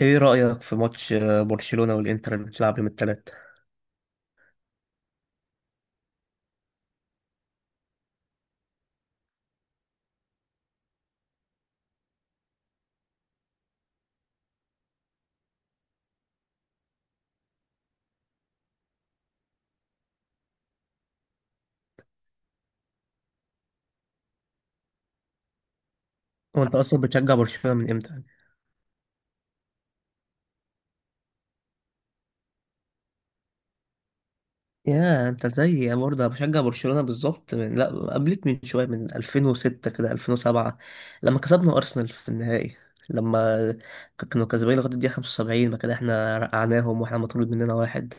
ايه رأيك في ماتش برشلونة والانتر اللي بتلعب يوم الثلاث. وانت اصلا بتشجع برشلونة من امتى؟ يا انت زي برضه بشجع برشلونة بالظبط من لا، قبلك من شوية، من 2006 كده، 2007 لما كسبنا أرسنال في النهائي. لما كانوا كسبانين لغاية الدقيقة 75، ما كده احنا رقعناهم واحنا مطرود مننا واحد.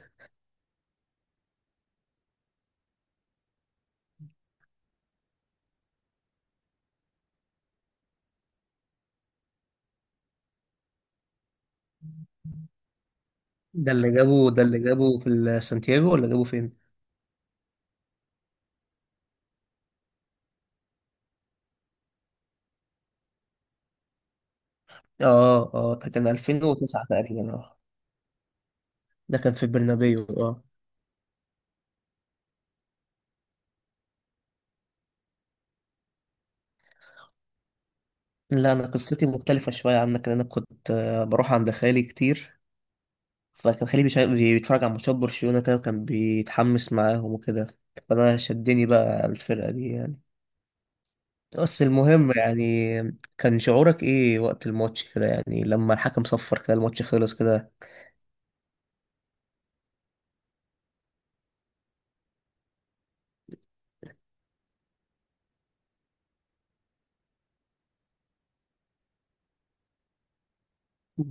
ده اللي جابه، ده اللي جابه سانتياغو ولا جابه فين؟ اه اه، ده كان 2009 تقريبا، اه ده كان في البرنابيو اه. لا انا قصتي مختلفة شوية عنك، لأن انا كنت بروح عند خالي كتير. فكان خليه بيتفرج على ماتشات برشلونة كده، وكان بيتحمس معاهم وكده. فأنا شدني بقى الفرقة دي يعني. بس المهم يعني، كان شعورك إيه وقت الماتش كده، يعني لما الحكم صفر كده الماتش خلص كده؟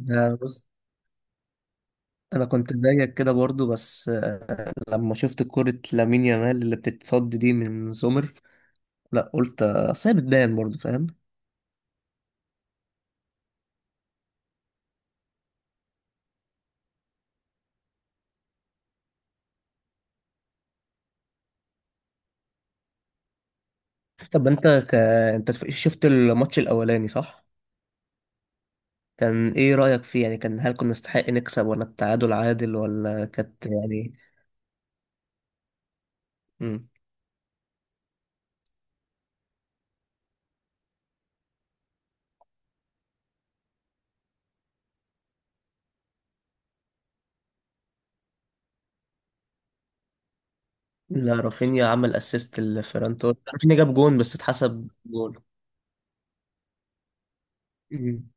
ده بص، أنا كنت زيك كده برضو، بس لما شفت كرة لامين يامال اللي بتتصد دي من سومر، لا قلت أصل هي بتبان برضو، فاهم. طب أنت أنت شفت الماتش الأولاني صح؟ كان ايه رأيك فيه، يعني كان، هل كنا نستحق نكسب ولا التعادل عادل ولا كانت، يعني. مم. لا، رافينيا عمل اسيست لفيران توريس. رافينيا جاب جون بس اتحسب جون. مم.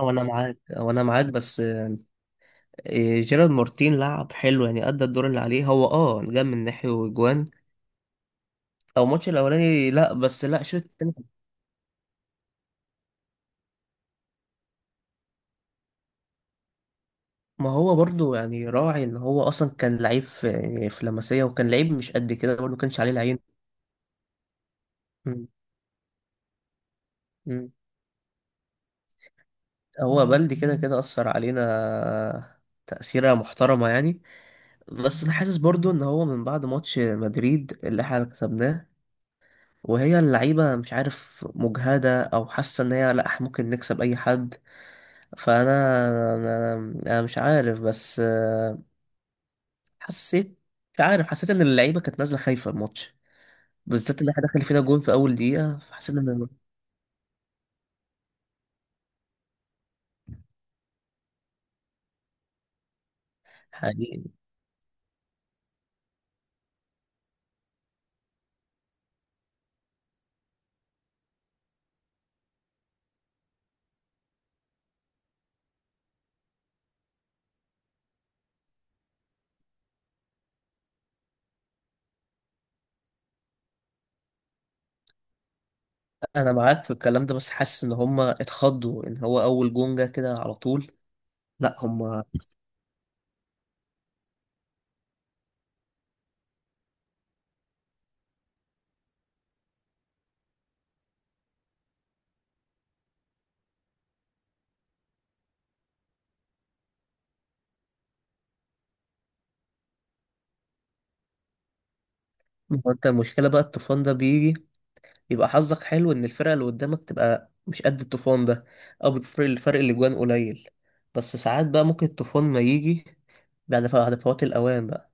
او انا معاك بس إيه، جيرارد مارتين لعب حلو، يعني ادى الدور اللي عليه. هو اه جاب من ناحية وجوان. او الماتش الاولاني لا، بس لا الشوط التاني. ما هو برضو يعني، راعي ان هو اصلا كان لعيب في لاماسيا، وكان لعيب مش قد كده برضو، ما كانش عليه العين. مم. مم. هو بلدي كده كده أثر علينا، تأثيرة محترمة يعني. بس أنا حاسس برضو إن هو من بعد ماتش مدريد اللي احنا كسبناه، وهي اللعيبة مش عارف، مجهدة أو حاسة إن هي لأ، إحنا ممكن نكسب أي حد. فأنا أنا أنا مش عارف، بس حسيت، مش عارف، حسيت إن اللعيبة كانت نازلة خايفة الماتش، بالذات إن احنا داخل فينا جون في أول دقيقة، فحسيت إن، حقيقي. أنا معاك في الكلام ده، بس حاسس إن هما اتخضوا إن هو أول جون جه كده على طول. لا هم. ما هو انت، المشكلة بقى الطوفان ده بيجي، يبقى حظك حلو ان الفرقة اللي قدامك تبقى مش قد الطوفان ده، او بتفرق الفرق اللي جوان قليل. بس ساعات بقى ممكن الطوفان ما يجي بعد بعد فوات الاوان بقى.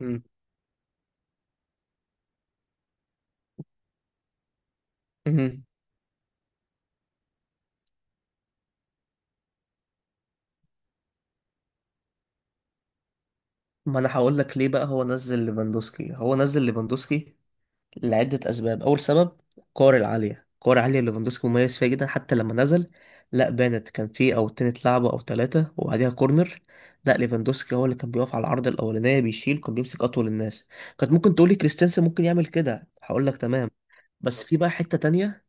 مم. مم. ما انا هقول لك ليه بقى. هو نزل ليفاندوسكي، هو نزل ليفاندوسكي لعدة أسباب. أول سبب، الكور العالية، الكور العالية اللي ليفاندوسكي مميز فيها جدا. حتى لما نزل، لا بانت كان في أو اتنين لعبة أو تلاتة وبعديها كورنر. لا، ليفاندوسكي هو اللي كان بيقف على العرض الأولانية بيشيل، كان بيمسك أطول الناس. كانت ممكن تقولي كريستنسن ممكن يعمل كده، هقول لك تمام. بس في بقى حتة تانية،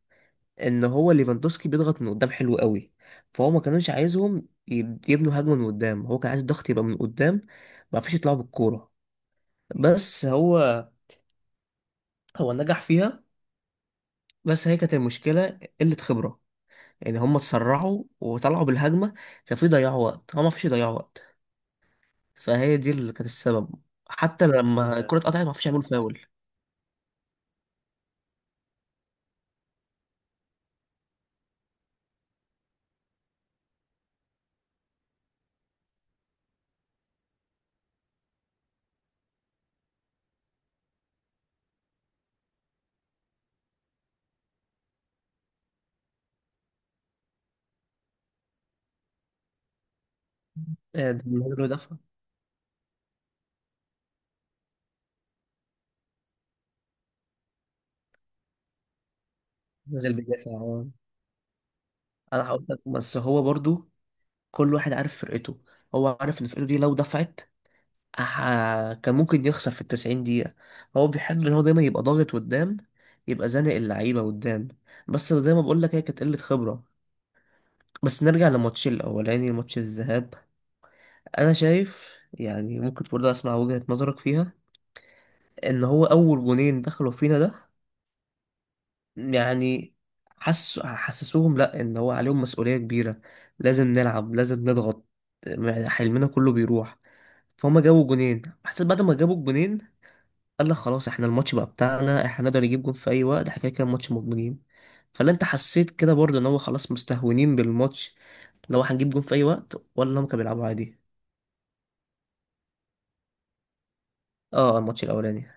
إن هو ليفاندوسكي بيضغط من قدام حلو قوي. فهو ما كانوش عايزهم يبنوا هجمة من قدام، هو كان عايز الضغط يبقى من قدام، ما فيش يطلعوا بالكورة. بس هو نجح فيها. بس هي كانت المشكلة قلة خبرة، يعني هم اتسرعوا وطلعوا بالهجمة، ففي ضياع وقت، هو ما فيش يضيعوا وقت. فهي دي اللي كانت السبب. حتى لما الكرة اتقطعت ما فيش يعملوا فاول. ده المهاجم بيدافع، نزل بيدافع آه. انا هقول لك، بس هو برضو كل واحد عارف فرقته. هو عارف ان فرقته دي لو دفعت كان ممكن يخسر في ال90 دقيقة. هو بيحب ان هو دايما يبقى ضاغط قدام، يبقى زانق اللعيبة قدام. بس زي ما بقول لك، هي كانت قلة خبرة. بس نرجع لماتش الأولاني، ماتش الذهاب. انا شايف يعني، ممكن برضه اسمع وجهة نظرك فيها، ان هو اول جونين دخلوا فينا ده، يعني حسسوهم لا ان هو عليهم مسؤولية كبيرة، لازم نلعب، لازم نضغط، يعني حلمنا كله بيروح. فهم جابوا جونين، حسيت بعد ما جابوا الجونين قال لك خلاص احنا الماتش بقى بتاعنا، احنا نقدر نجيب جون في اي وقت، احنا كده كده ماتش مضمونين. فلا انت حسيت كده برضه ان هو خلاص مستهونين بالماتش، لو هنجيب جون في اي وقت، ولا هم كانوا بيلعبوا عادي؟ اه الماتش الاولاني.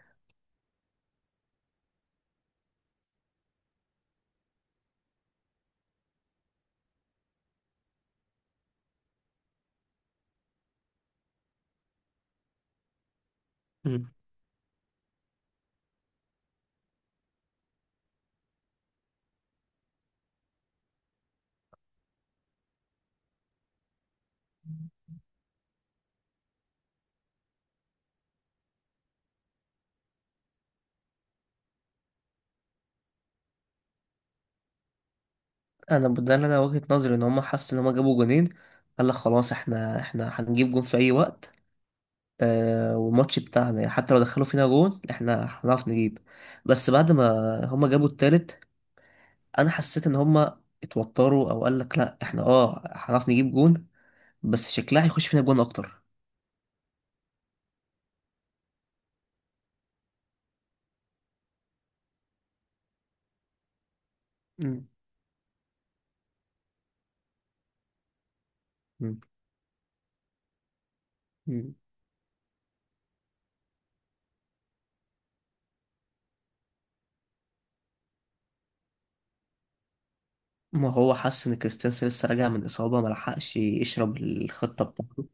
انا ده اللي انا وجهة نظري ان هم حسوا ان هم جابوا جونين قال لك خلاص احنا هنجيب جون في اي وقت، والماتش بتاعنا، يعني حتى لو دخلوا فينا جون احنا هنعرف نجيب. بس بعد ما هم جابوا التالت، انا حسيت ان هم اتوتروا، او قال لك لا احنا اه هنعرف نجيب جون، بس شكلها هيخش فينا جون اكتر. مم. مم. مم. ما هو حس ان كريستيانسي لسه راجع من اصابة، ما لحقش يشرب الخطة بتاعته.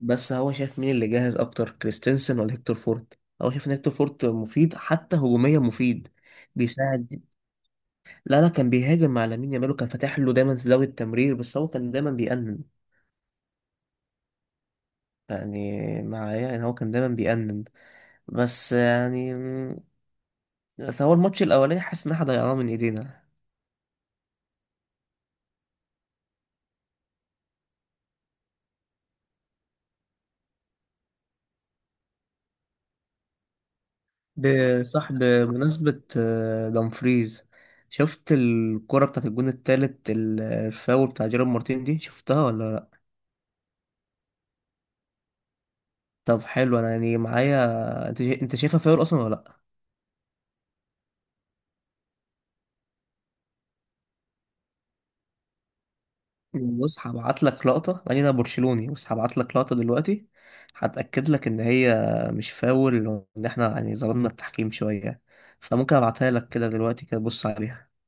بس هو شايف مين اللي جاهز اكتر، كريستنسن ولا هيكتور فورت؟ هو شايف ان هيكتور فورت مفيد، حتى هجوميا مفيد، بيساعد. لا لا، كان بيهاجم مع لامين يامال وكان فاتح له دايما زاوية التمرير. بس هو كان دايما بيأنن يعني معايا، يعني هو كان دايما بيأنن. بس يعني، بس هو الماتش الأولاني حاسس إن احنا ضيعناه من إيدينا. بصح، بمناسبة دمفريز، شفت الكرة بتاعت الجون التالت، الفاول بتاع جيرار مارتين دي، شفتها ولا؟ طب حلو، انا يعني معايا انت انت شايفها فاول اصلا ولا لا؟ بص هبعت لك لقطه، يعني انا برشلوني بس هبعت لك لقطه دلوقتي، هتاكد لك ان هي مش فاول، وان احنا يعني ظلمنا التحكيم شويه. فممكن ابعتها لك كده دلوقتي، كده بص عليها.